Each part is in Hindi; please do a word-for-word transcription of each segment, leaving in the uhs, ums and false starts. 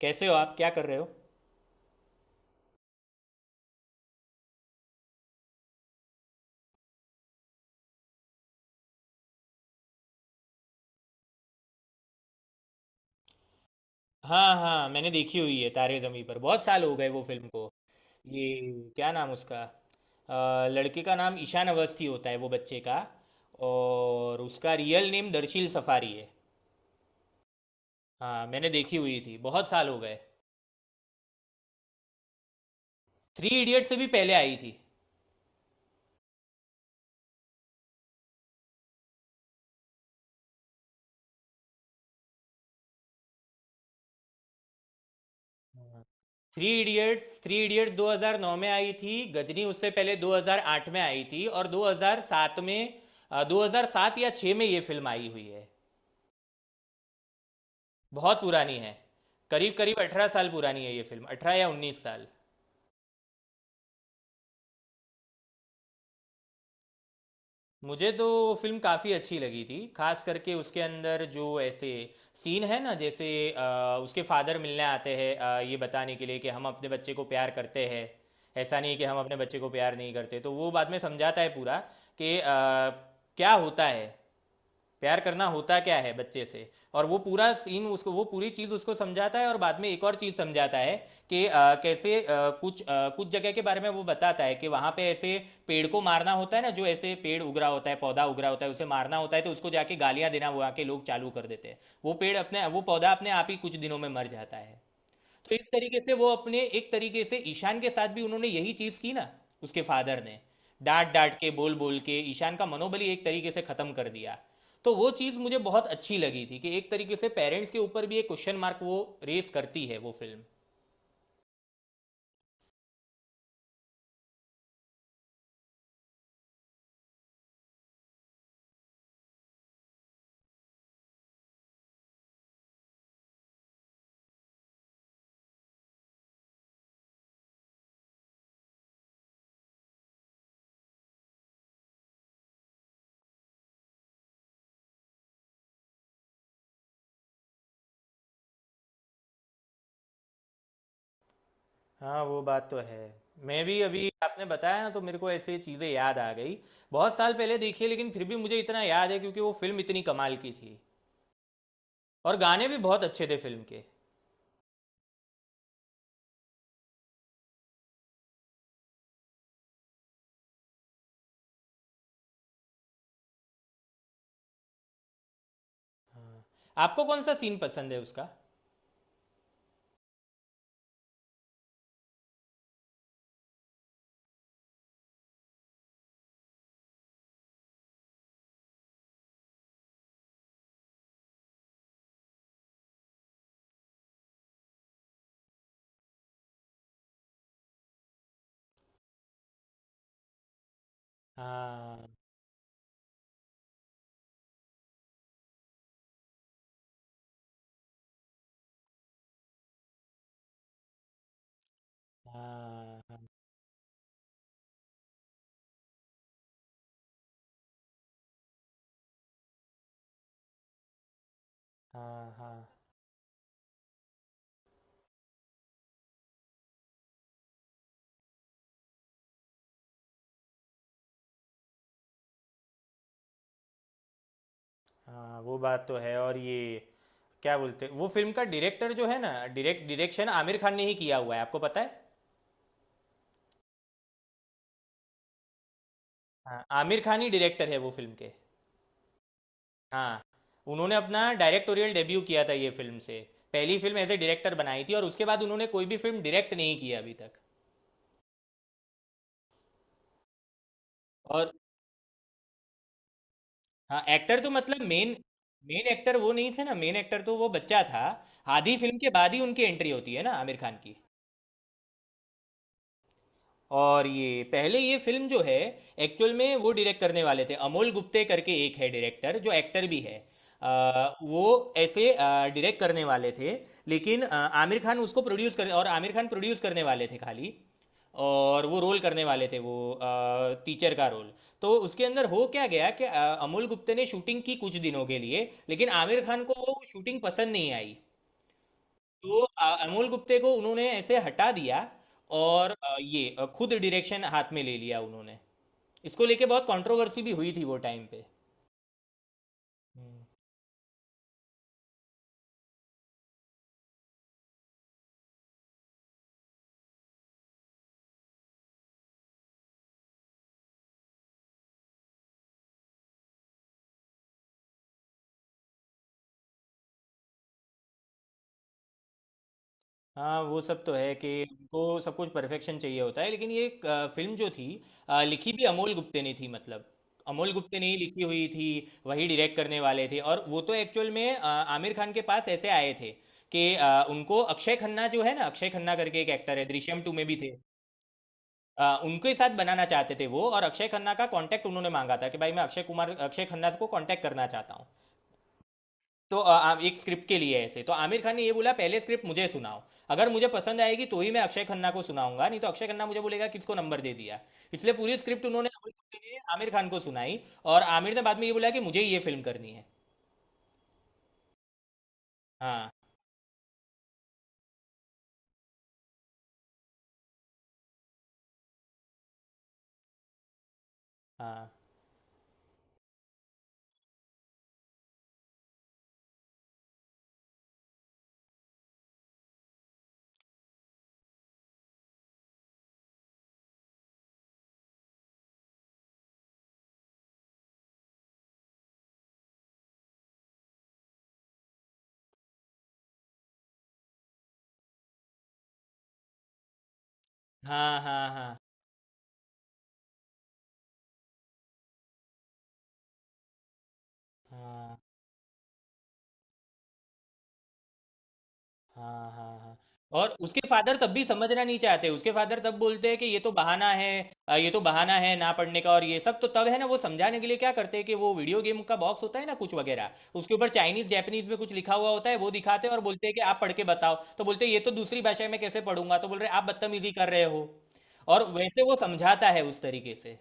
कैसे हो आप क्या कर रहे हो। हाँ हाँ, मैंने देखी हुई है, तारे ज़मीं पर। बहुत साल हो गए वो फिल्म को। ये क्या नाम उसका? अ, लड़के का नाम ईशान अवस्थी होता है वो बच्चे का। और उसका रियल नेम दर्शील सफारी है। हाँ मैंने देखी हुई थी, बहुत साल हो गए। थ्री इडियट्स से भी पहले आई थी। थ्री इडियट्स थ्री इडियट्स दो हज़ार नौ में आई थी, गजनी उससे पहले दो हज़ार आठ में आई थी, और दो हज़ार सात में, अ, दो हज़ार सात या छह में ये फिल्म आई हुई है। बहुत पुरानी है। करीब करीब अठारह साल पुरानी है ये फिल्म, अठारह या उन्नीस साल। मुझे तो वो फिल्म काफ़ी अच्छी लगी थी, खास करके उसके अंदर जो ऐसे सीन है ना, जैसे अ, उसके फादर मिलने आते हैं, अ, ये बताने के लिए कि हम अपने बच्चे को प्यार करते हैं। ऐसा नहीं कि हम अपने बच्चे को प्यार नहीं करते, तो वो बाद में समझाता है पूरा कि अ, क्या होता है, प्यार करना होता क्या है बच्चे से। और वो पूरा सीन, उसको वो पूरी चीज़ उसको समझाता है, और बाद में एक और चीज़ समझाता है कि अ, कैसे अ, कुछ अ, कुछ जगह के बारे में वो बताता है कि वहां पे ऐसे पेड़ को मारना होता है ना, जो ऐसे पेड़ उगरा होता है, पौधा उगरा होता है, उसे मारना होता है, तो उसको जाके गालियां देना वहाँ के लोग चालू कर देते हैं। वो पेड़ अपने, वो पौधा अपने आप ही कुछ दिनों में मर जाता है। तो इस तरीके से वो अपने, एक तरीके से ईशान के साथ भी उन्होंने यही चीज की ना, उसके फादर ने। डांट डांट के, बोल बोल के ईशान का मनोबल ही एक तरीके से खत्म कर दिया। तो वो चीज मुझे बहुत अच्छी लगी थी कि एक तरीके से पेरेंट्स के ऊपर भी एक क्वेश्चन मार्क वो रेस करती है वो फिल्म। हाँ वो बात तो है। मैं भी अभी आपने बताया ना, तो मेरे को ऐसे चीज़ें याद आ गई। बहुत साल पहले देखी है, लेकिन फिर भी मुझे इतना याद है क्योंकि वो फिल्म इतनी कमाल की थी। और गाने भी बहुत अच्छे थे फिल्म के। हाँ, आपको कौन सा सीन पसंद है उसका? हाँ हाँ हाँ हाँ। हाँ हाँ, वो बात तो है। और ये क्या बोलते, वो फिल्म का डायरेक्टर जो है ना, डायरेक्ट डायरेक्शन आमिर खान ने ही किया हुआ है, आपको पता है? हाँ, आमिर खान ही डायरेक्टर है वो फिल्म के। हाँ। उन्होंने अपना डायरेक्टोरियल डेब्यू किया था ये फिल्म से। पहली फिल्म एज ए डायरेक्टर बनाई थी, और उसके बाद उन्होंने कोई भी फिल्म डायरेक्ट नहीं की अभी तक। और हाँ, एक्टर तो मतलब मेन मेन एक्टर वो नहीं थे ना, मेन एक्टर तो वो बच्चा था। आधी फिल्म के बाद ही उनकी एंट्री होती है ना आमिर खान की। और ये पहले, ये फिल्म जो है एक्चुअल में वो डायरेक्ट करने वाले थे अमोल गुप्ते करके, एक है डायरेक्टर जो एक्टर भी है। अ, वो ऐसे डायरेक्ट करने वाले थे, लेकिन अ, आमिर खान उसको प्रोड्यूस कर, और आमिर खान प्रोड्यूस करने वाले थे खाली। और वो रोल करने वाले थे, वो आ, टीचर का रोल। तो उसके अंदर हो क्या गया कि अ, अमोल गुप्ते ने शूटिंग की कुछ दिनों के लिए, लेकिन आमिर खान को वो शूटिंग पसंद नहीं आई। तो अ, अमोल गुप्ते को उन्होंने ऐसे हटा दिया, और अ, ये अ, खुद डायरेक्शन हाथ में ले लिया उन्होंने। इसको लेके बहुत कंट्रोवर्सी भी हुई थी वो टाइम पे। हम्म। हाँ वो सब तो है कि उनको सब कुछ परफेक्शन चाहिए होता है। लेकिन ये फिल्म जो थी, अ, लिखी भी अमोल गुप्ते ने थी, मतलब अमोल गुप्ते ने ही लिखी हुई थी। वही डायरेक्ट करने वाले थे। और वो तो एक्चुअल में अ, आमिर खान के पास ऐसे आए थे कि अ, उनको अक्षय खन्ना जो है ना, अक्षय खन्ना करके एक एक्टर है, दृश्यम टू में भी थे, अ, उनके साथ बनाना चाहते थे वो। और अक्षय खन्ना का कांटेक्ट उन्होंने मांगा था कि भाई, मैं अक्षय कुमार, अक्षय खन्ना को कांटेक्ट करना चाहता हूँ। तो अ, आ, एक स्क्रिप्ट के लिए। ऐसे तो आमिर खान ने ये बोला, पहले स्क्रिप्ट मुझे सुनाओ, अगर मुझे पसंद आएगी तो ही मैं अक्षय खन्ना को सुनाऊंगा, नहीं तो अक्षय खन्ना मुझे बोलेगा किसको नंबर दे दिया। इसलिए पूरी स्क्रिप्ट उन्होंने आमिर खान के लिए, आमिर खान को सुनाई। और आमिर ने बाद में ये बोला कि मुझे ये फिल्म करनी है। हाँ हाँ हाँ हाँ। हाँ हाँ हाँ, हाँ, हाँ। और उसके फादर तब भी समझना नहीं चाहते, उसके फादर तब बोलते हैं कि ये तो बहाना है, अ, ये तो बहाना है ना पढ़ने का। और ये सब तो तब है ना, वो समझाने के लिए क्या करते हैं कि वो वीडियो गेम का बॉक्स होता है ना कुछ वगैरह, उसके ऊपर चाइनीज जैपनीज में कुछ लिखा हुआ होता है, वो दिखाते हैं और बोलते हैं कि आप पढ़ के बताओ। तो बोलते हैं, ये तो दूसरी भाषा में कैसे पढ़ूंगा। तो बोल रहे हैं, आप बदतमीजी कर रहे हो। और वैसे वो समझाता है उस तरीके से।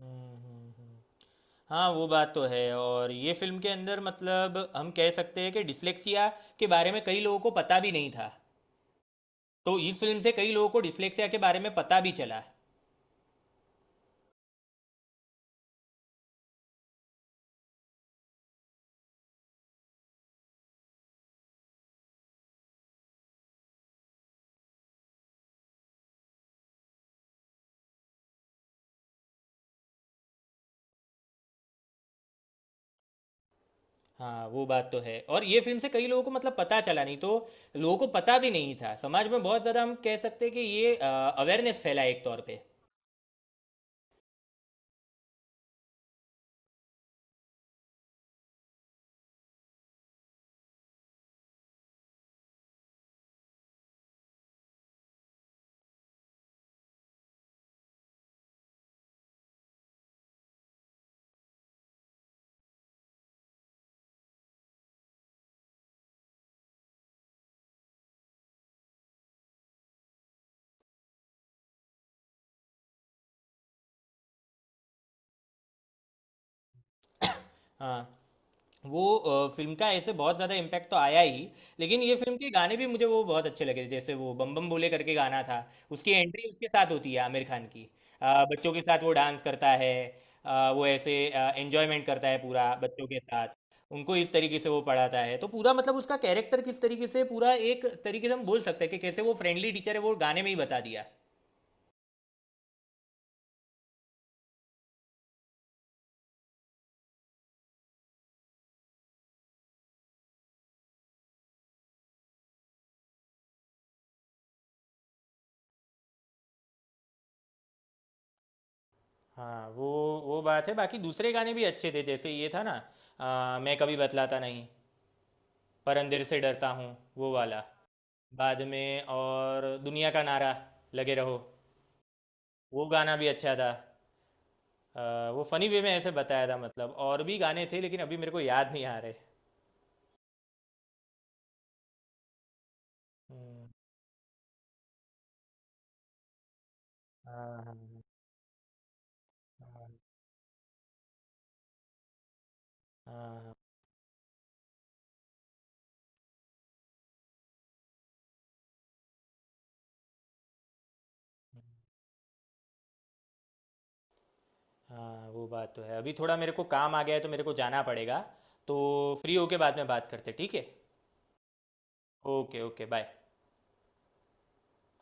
हम्म, हम्म, हम्म। हाँ वो बात तो है। और ये फिल्म के अंदर मतलब हम कह सकते हैं कि डिस्लेक्सिया के बारे में कई लोगों को पता भी नहीं था, तो इस फिल्म से कई लोगों को डिस्लेक्सिया के बारे में पता भी चला। हाँ वो बात तो है, और ये फिल्म से कई लोगों को मतलब पता चला, नहीं तो लोगों को पता भी नहीं था। समाज में बहुत ज़्यादा हम कह सकते हैं कि ये अवेयरनेस फैला एक तौर पे। हाँ, वो अ, फिल्म का ऐसे बहुत ज़्यादा इम्पैक्ट तो आया ही। लेकिन ये फिल्म के गाने भी मुझे वो बहुत अच्छे लगे, जैसे वो बम बम बोले करके गाना था, उसकी एंट्री उसके साथ होती है आमिर खान की। अ, बच्चों के साथ वो डांस करता है, अ, वो ऐसे एंजॉयमेंट करता है पूरा बच्चों के साथ, उनको इस तरीके से वो पढ़ाता है। तो पूरा मतलब उसका कैरेक्टर किस तरीके से, पूरा एक तरीके से हम बोल सकते हैं कि कैसे वो फ्रेंडली टीचर है, वो गाने में ही बता दिया। हाँ वो वो बात है। बाकी दूसरे गाने भी अच्छे थे, जैसे ये था ना, आ, मैं कभी बतलाता नहीं, पर अंधेरे से डरता हूँ, वो वाला। बाद में और दुनिया का नारा, लगे रहो, वो गाना भी अच्छा था। अ, वो फनी वे में ऐसे बताया था मतलब। और भी गाने थे लेकिन अभी मेरे को याद नहीं आ रहे। हम्म। हाँ हाँ हाँ हाँ। हाँ, वो बात तो है। अभी थोड़ा मेरे को काम आ गया है, तो मेरे को जाना पड़ेगा। तो फ्री होके बाद में बात करते, ठीक है? Okay okay bye.